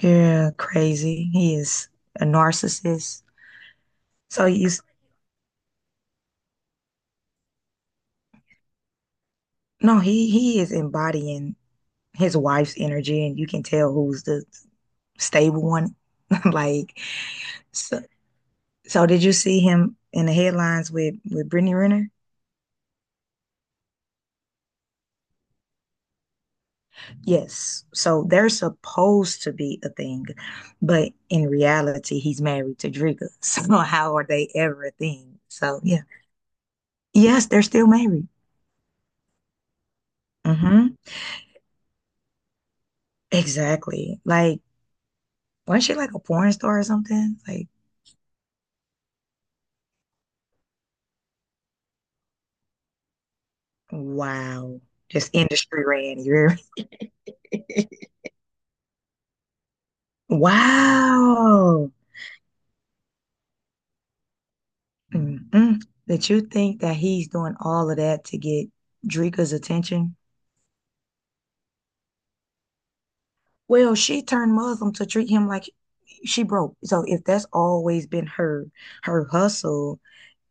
Yeah, crazy. He is a narcissist. So you, s- no, he is embodying his wife's energy, and you can tell who's the stable one. Like, so, so did you see him in the headlines with Brittany Renner? Yes. So they're supposed to be a thing, but in reality, he's married to Driga. So how are they ever a thing? So yeah, yes, they're still married. Hmm. Exactly. Like. Wasn't she like a porn star or something? Like, wow. Just industry ran. You hear me? Wow. Mm-mm. That you think that he's doing all of that to get Drika's attention? Well, she turned Muslim to treat him like she broke. So if that's always been her her hustle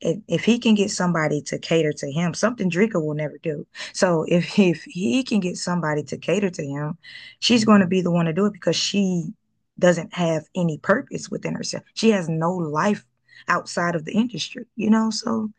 if he can get somebody to cater to him, something Drika will never do. So if if he can get somebody to cater to him, she's going to be the one to do it because she doesn't have any purpose within herself. She has no life outside of the industry, you know. So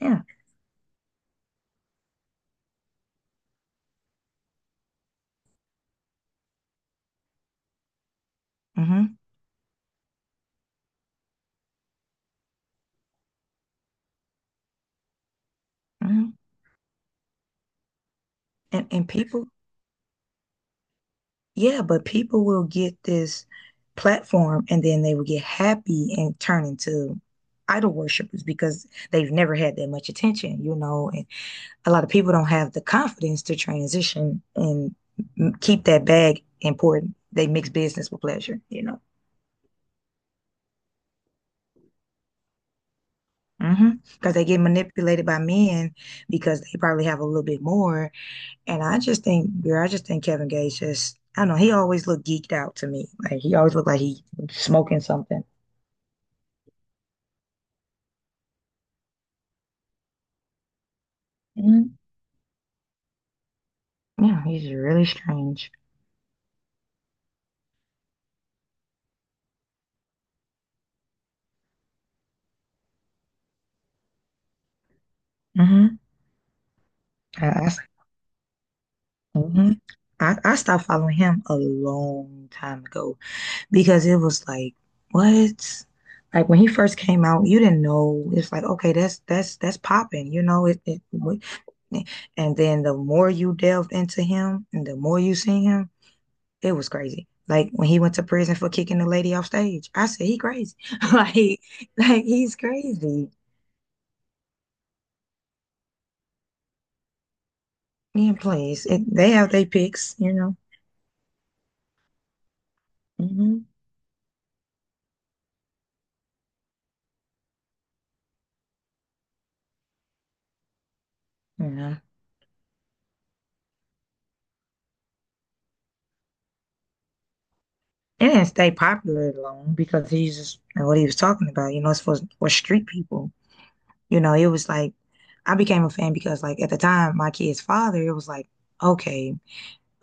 yeah, hmm, hmm, and people, yeah, but people will get this platform and then they will get happy and turn into idol worshippers because they've never had that much attention, you know, and a lot of people don't have the confidence to transition and keep that bag important. They mix business with pleasure, you know, because, mm-hmm, they get manipulated by men because they probably have a little bit more. And I just think, girl, I just think Kevin Gates just, I don't know, he always looked geeked out to me. Like he always looked like he smoking something. Mm-hmm. Yeah, he's really strange. Mm-hmm. I, I, mm-hmm. I stopped following him a long time ago because it was like, what? Like when he first came out, you didn't know. It's like, okay, that's popping, you know. It And then the more you delved into him and the more you seen him, it was crazy. Like when he went to prison for kicking the lady off stage, I said he crazy. Like he's crazy. Yeah, please. It, they have their picks, you know. Mm-hmm. Yeah. It didn't stay popular long because he's just you know, what he was talking about. You know, it's for street people. You know, it was like I became a fan because like at the time my kid's father, it was like, okay,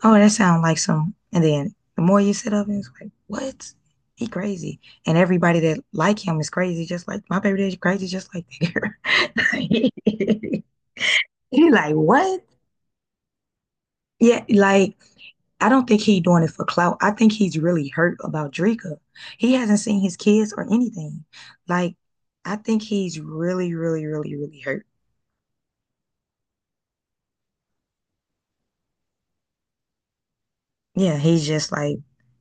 oh, that sounds like some and then the more you sit up and it's like, what? He crazy. And everybody that like him is crazy, just like my baby daddy crazy just like that girl. He like, what? Yeah, like I don't think he doing it for clout. I think he's really hurt about Drika. He hasn't seen his kids or anything. Like, I think he's really, really, really, really hurt. Yeah, he's just like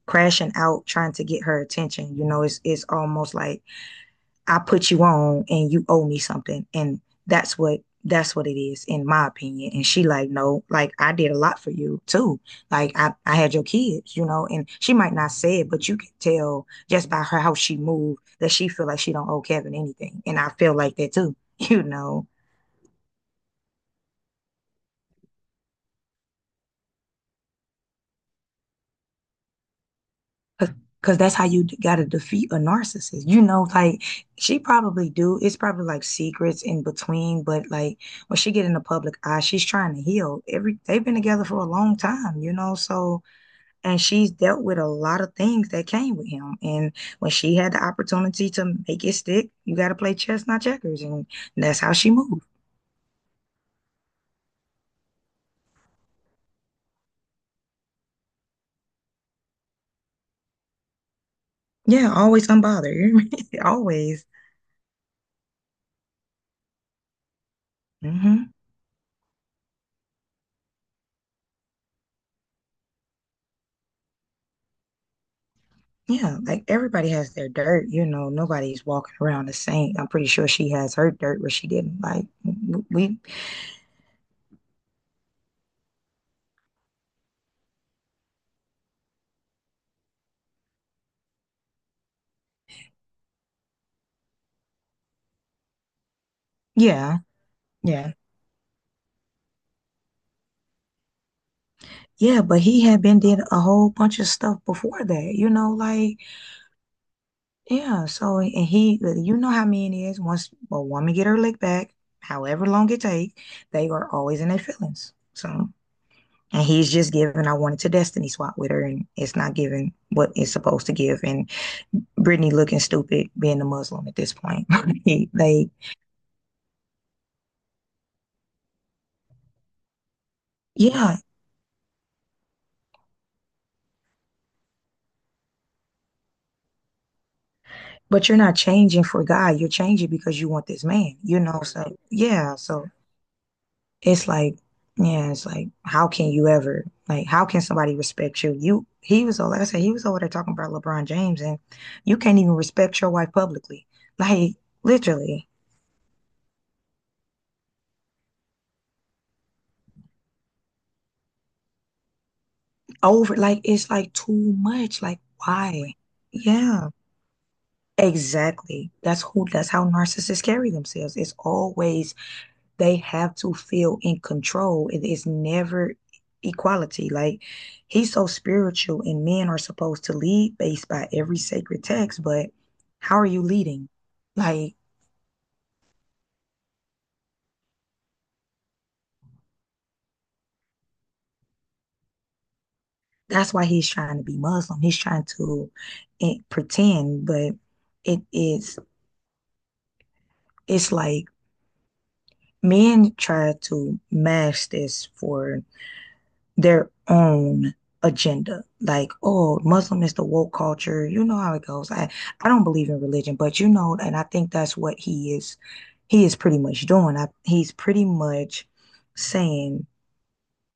crashing out, trying to get her attention. You know, it's almost like I put you on and you owe me something. And that's what it is, in my opinion. And she like, no, like I did a lot for you too. Like I had your kids, you know, and she might not say it, but you can tell just by her how she moved that she feel like she don't owe Kevin anything. And I feel like that too, you know. Cause, 'Cause that's how you gotta defeat a narcissist. You know, like she probably do. It's probably like secrets in between, but like when she get in the public eye, she's trying to heal. Every they've been together for a long time, you know. So and she's dealt with a lot of things that came with him. And when she had the opportunity to make it stick, you gotta play chess, not checkers, and that's how she moved. Yeah, always unbothered. Always. Hmm. Yeah, like everybody has their dirt, you know, nobody's walking around the same. I'm pretty sure she has her dirt where she didn't like w- we yeah, yeah. Yeah, but he had been did a whole bunch of stuff before that, you know, like yeah, so and he you know how mean it is once a woman get her lick back, however long it take, they are always in their feelings. So and he's just giving I wanted to destiny swap with her and it's not giving what it's supposed to give and Britney looking stupid being a Muslim at this point. Like, yeah, but you're not changing for God. You're changing because you want this man, you know? So, yeah. So it's like, yeah, it's like, how can you ever, like, how can somebody respect you? You, he was, like I said, he was over there talking about LeBron James, and you can't even respect your wife publicly. Like, literally, over, like, it's like too much. Like, why? Yeah, exactly. That's who, that's how narcissists carry themselves. It's always they have to feel in control. It is never equality. Like he's so spiritual, and men are supposed to lead based by every sacred text, but how are you leading? Like that's why he's trying to be Muslim. He's trying to pretend, but it is it's like men try to mask this for their own agenda. Like, oh, Muslim is the woke culture. You know how it goes. I don't believe in religion, but you know, and I think that's what he is pretty much doing. He's pretty much saying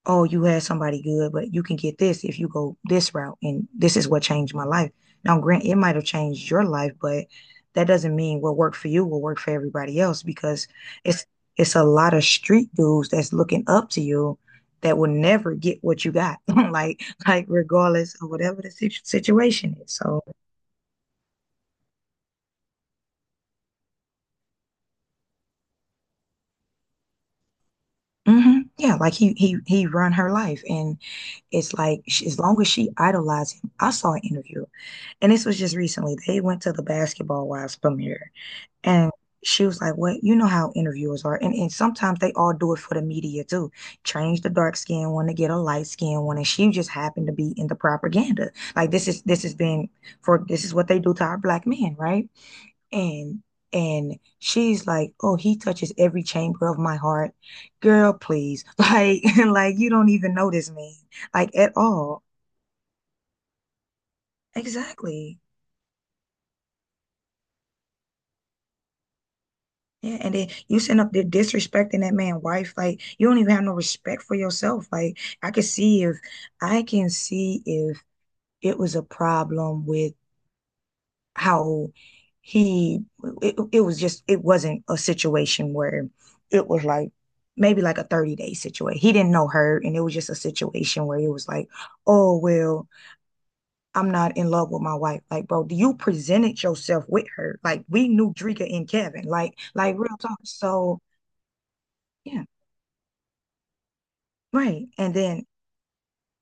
oh, you had somebody good, but you can get this if you go this route. And this is what changed my life. Now, grant it might have changed your life, but that doesn't mean what worked for you will work for everybody else because it's it's a lot of street dudes that's looking up to you that will never get what you got like regardless of whatever the situation is so mhm, yeah like he run her life and it's like she, as long as she idolized him I saw an interview and this was just recently. They went to the Basketball Wives premiere, and she was like, "What? You know how interviewers are, and sometimes they all do it for the media too. Change the dark skin one to get a light skin one, and she just happened to be in the propaganda. Like this has been for this is what they do to our black men, right? And and she's like, "Oh, he touches every chamber of my heart, girl. Please, like, like you don't even know this man, like at all. Exactly. Yeah, and then you send up there disrespecting that man' wife. Like you don't even have no respect for yourself. Like I can see if I can see if it was a problem with how he it, it was just it wasn't a situation where it was like maybe like a 30-day situation. He didn't know her and it was just a situation where it was like, oh well, I'm not in love with my wife. Like, bro, you presented yourself with her. Like we knew Drika and Kevin. Like real talk. So yeah. Right. And then,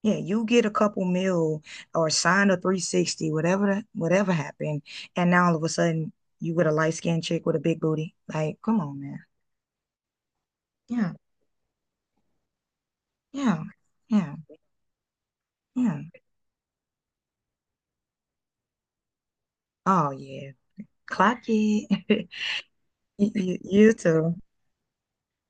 yeah, you get a couple mil or sign a 360, whatever whatever happened, and now all of a sudden you with a light-skinned chick with a big booty. Like, come on, man. Yeah, yeah, yeah, yeah. Oh yeah. Clock it. You too.